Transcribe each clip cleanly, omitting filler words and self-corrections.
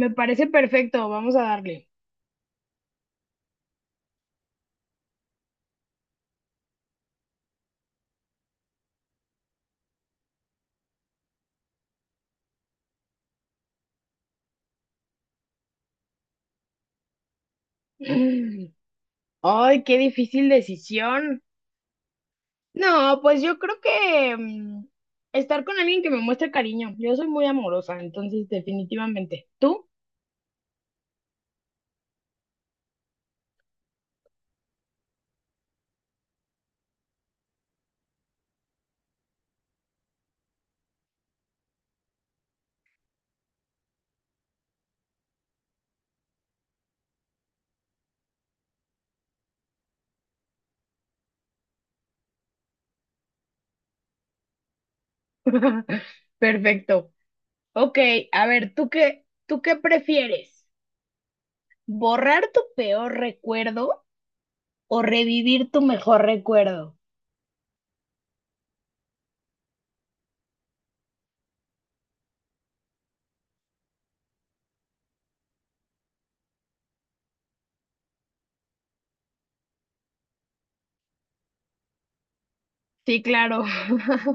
Me parece perfecto, vamos a darle. Mm. Ay, qué difícil decisión. No, pues yo creo que estar con alguien que me muestre cariño. Yo soy muy amorosa, entonces definitivamente. ¿Tú? Perfecto. Ok, a ver, tú qué prefieres? ¿Borrar tu peor recuerdo o revivir tu mejor recuerdo? Sí, claro.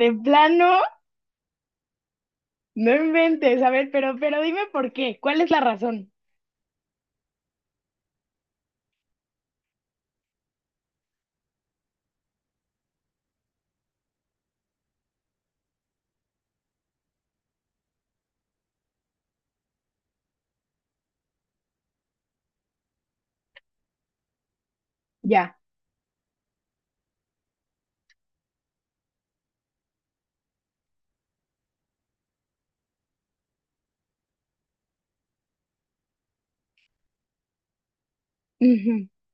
De plano, no inventes. A ver, pero dime por qué. ¿Cuál es la razón? Ya.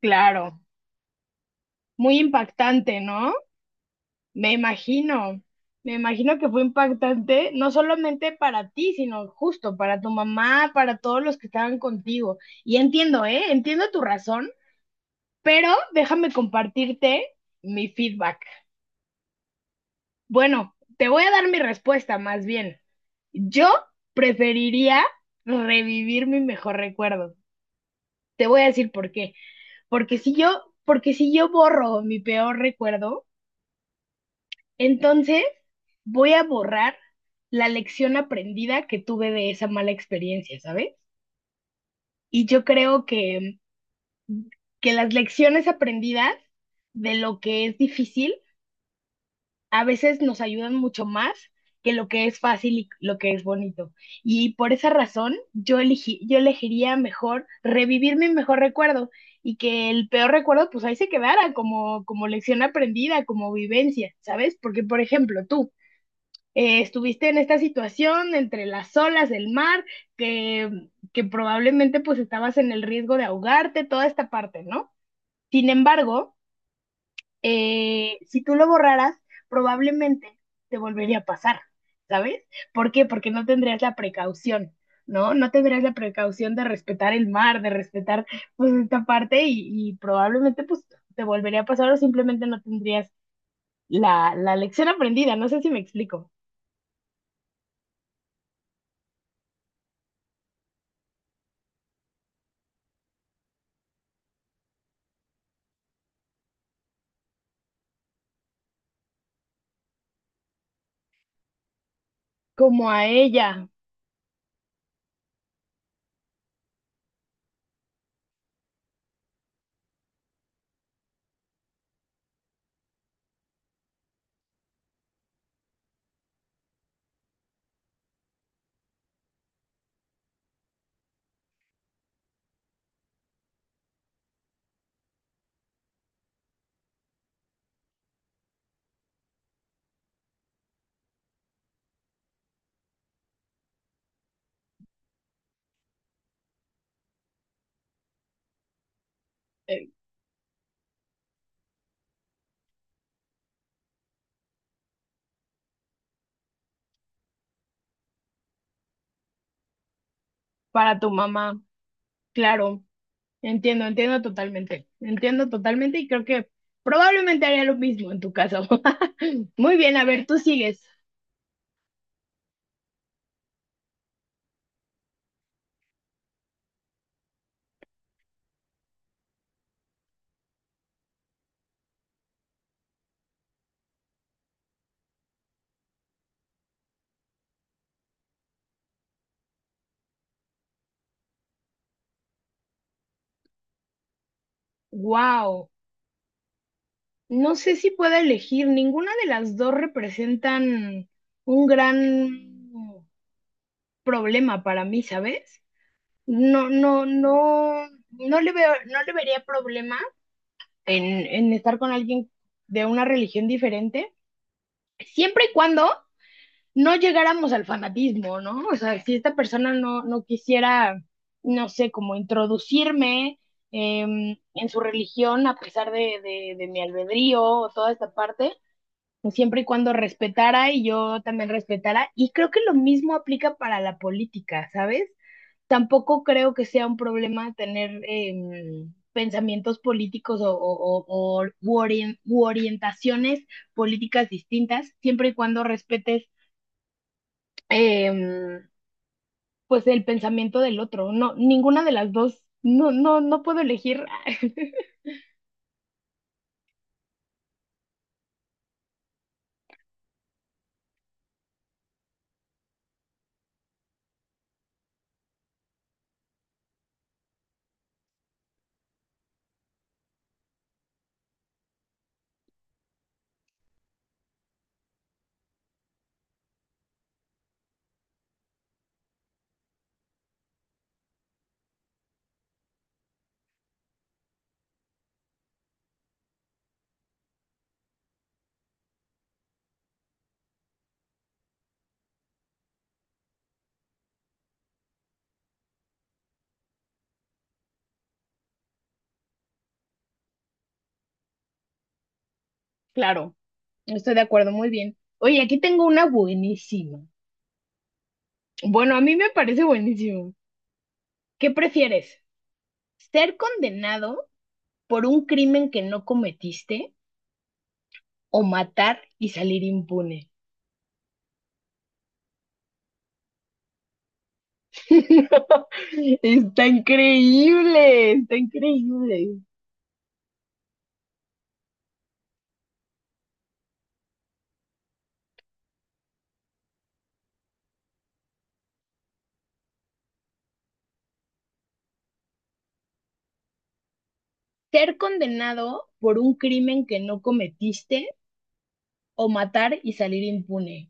Claro, muy impactante, ¿no? Me imagino, me imagino que fue impactante, no solamente para ti, sino justo para tu mamá, para todos los que estaban contigo. Y entiendo, ¿eh? Entiendo tu razón, pero déjame compartirte mi feedback. Bueno, te voy a dar mi respuesta más bien. Yo preferiría revivir mi mejor recuerdo. Te voy a decir por qué. Porque si yo borro mi peor recuerdo, entonces, voy a borrar la lección aprendida que tuve de esa mala experiencia, ¿sabes? Y yo creo que las lecciones aprendidas de lo que es difícil a veces nos ayudan mucho más que lo que es fácil y lo que es bonito. Y por esa razón, yo elegiría mejor revivir mi mejor recuerdo y que el peor recuerdo, pues ahí se quedara como, como lección aprendida, como vivencia, ¿sabes? Porque, por ejemplo, tú. Estuviste en esta situación entre las olas del mar, que probablemente pues estabas en el riesgo de ahogarte, toda esta parte, ¿no? Sin embargo, si tú lo borraras, probablemente te volvería a pasar, ¿sabes? ¿Por qué? Porque no tendrías la precaución. ¿No? No tendrías la precaución de respetar el mar, de respetar pues esta parte y probablemente pues te volvería a pasar o simplemente no tendrías la lección aprendida. No sé si me explico. Como a ella, eh, para tu mamá. Claro, entiendo, entiendo totalmente. Entiendo totalmente y creo que probablemente haría lo mismo en tu caso. Muy bien, a ver, tú sigues. Wow, no sé si puedo elegir. Ninguna de las dos representan un gran problema para mí, ¿sabes? No, no le veo, no le vería problema en estar con alguien de una religión diferente, siempre y cuando no llegáramos al fanatismo, ¿no? O sea, si esta persona no quisiera, no sé, como introducirme en su religión a pesar de mi albedrío o toda esta parte, pues, siempre y cuando respetara y yo también respetara. Y creo que lo mismo aplica para la política, ¿sabes? Tampoco creo que sea un problema tener pensamientos políticos o u orientaciones políticas distintas, siempre y cuando respetes em, pues el pensamiento del otro. No, ninguna de las dos. No, no puedo elegir. Claro, estoy de acuerdo, muy bien. Oye, aquí tengo una buenísima. Bueno, a mí me parece buenísimo. ¿Qué prefieres? ¿Ser condenado por un crimen que no cometiste o matar y salir impune? Está increíble, está increíble. ¿Ser condenado por un crimen que no cometiste o matar y salir impune?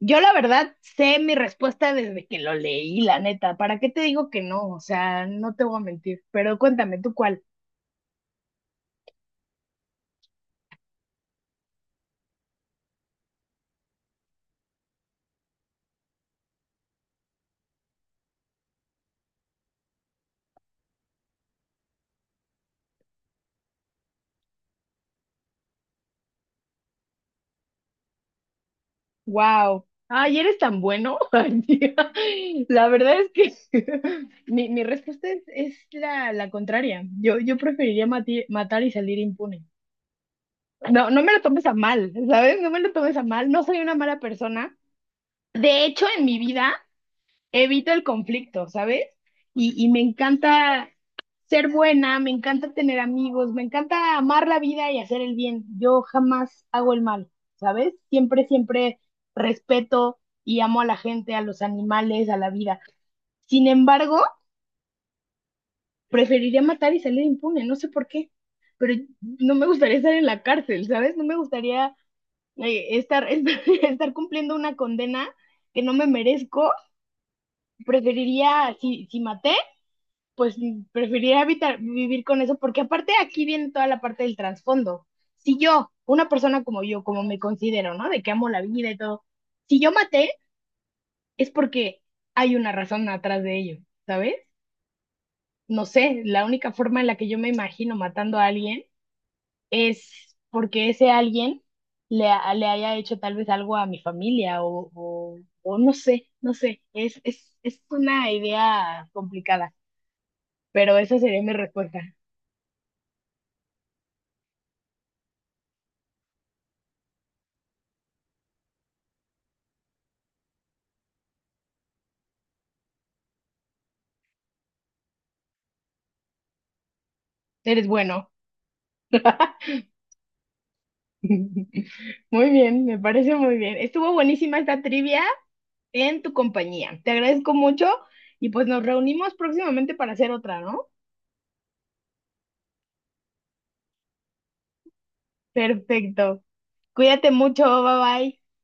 Yo la verdad sé mi respuesta desde que lo leí, la neta. ¿Para qué te digo que no? O sea, no te voy a mentir. Pero cuéntame tú cuál. Wow. Ay, eres tan bueno. Ay, tía. La verdad es que mi respuesta es la contraria. Yo preferiría matar y salir impune. No me lo tomes a mal, ¿sabes? No me lo tomes a mal. No soy una mala persona. De hecho, en mi vida evito el conflicto, ¿sabes? Y me encanta ser buena, me encanta tener amigos, me encanta amar la vida y hacer el bien. Yo jamás hago el mal, ¿sabes? Siempre, siempre respeto y amo a la gente, a los animales, a la vida. Sin embargo, preferiría matar y salir impune, no sé por qué, pero no me gustaría estar en la cárcel, ¿sabes? No me gustaría estar cumpliendo una condena que no me merezco. Preferiría, si maté, pues preferiría evitar vivir con eso, porque aparte aquí viene toda la parte del trasfondo. Si yo, una persona como yo, como me considero, ¿no? De que amo la vida y todo, si yo maté, es porque hay una razón atrás de ello, ¿sabes? No sé, la única forma en la que yo me imagino matando a alguien es porque ese alguien le haya hecho tal vez algo a mi familia o no sé, no sé, es una idea complicada, pero esa sería mi respuesta. Eres bueno. Muy bien, me parece muy bien. Estuvo buenísima esta trivia en tu compañía. Te agradezco mucho y pues nos reunimos próximamente para hacer otra, ¿no? Perfecto. Cuídate mucho, bye bye.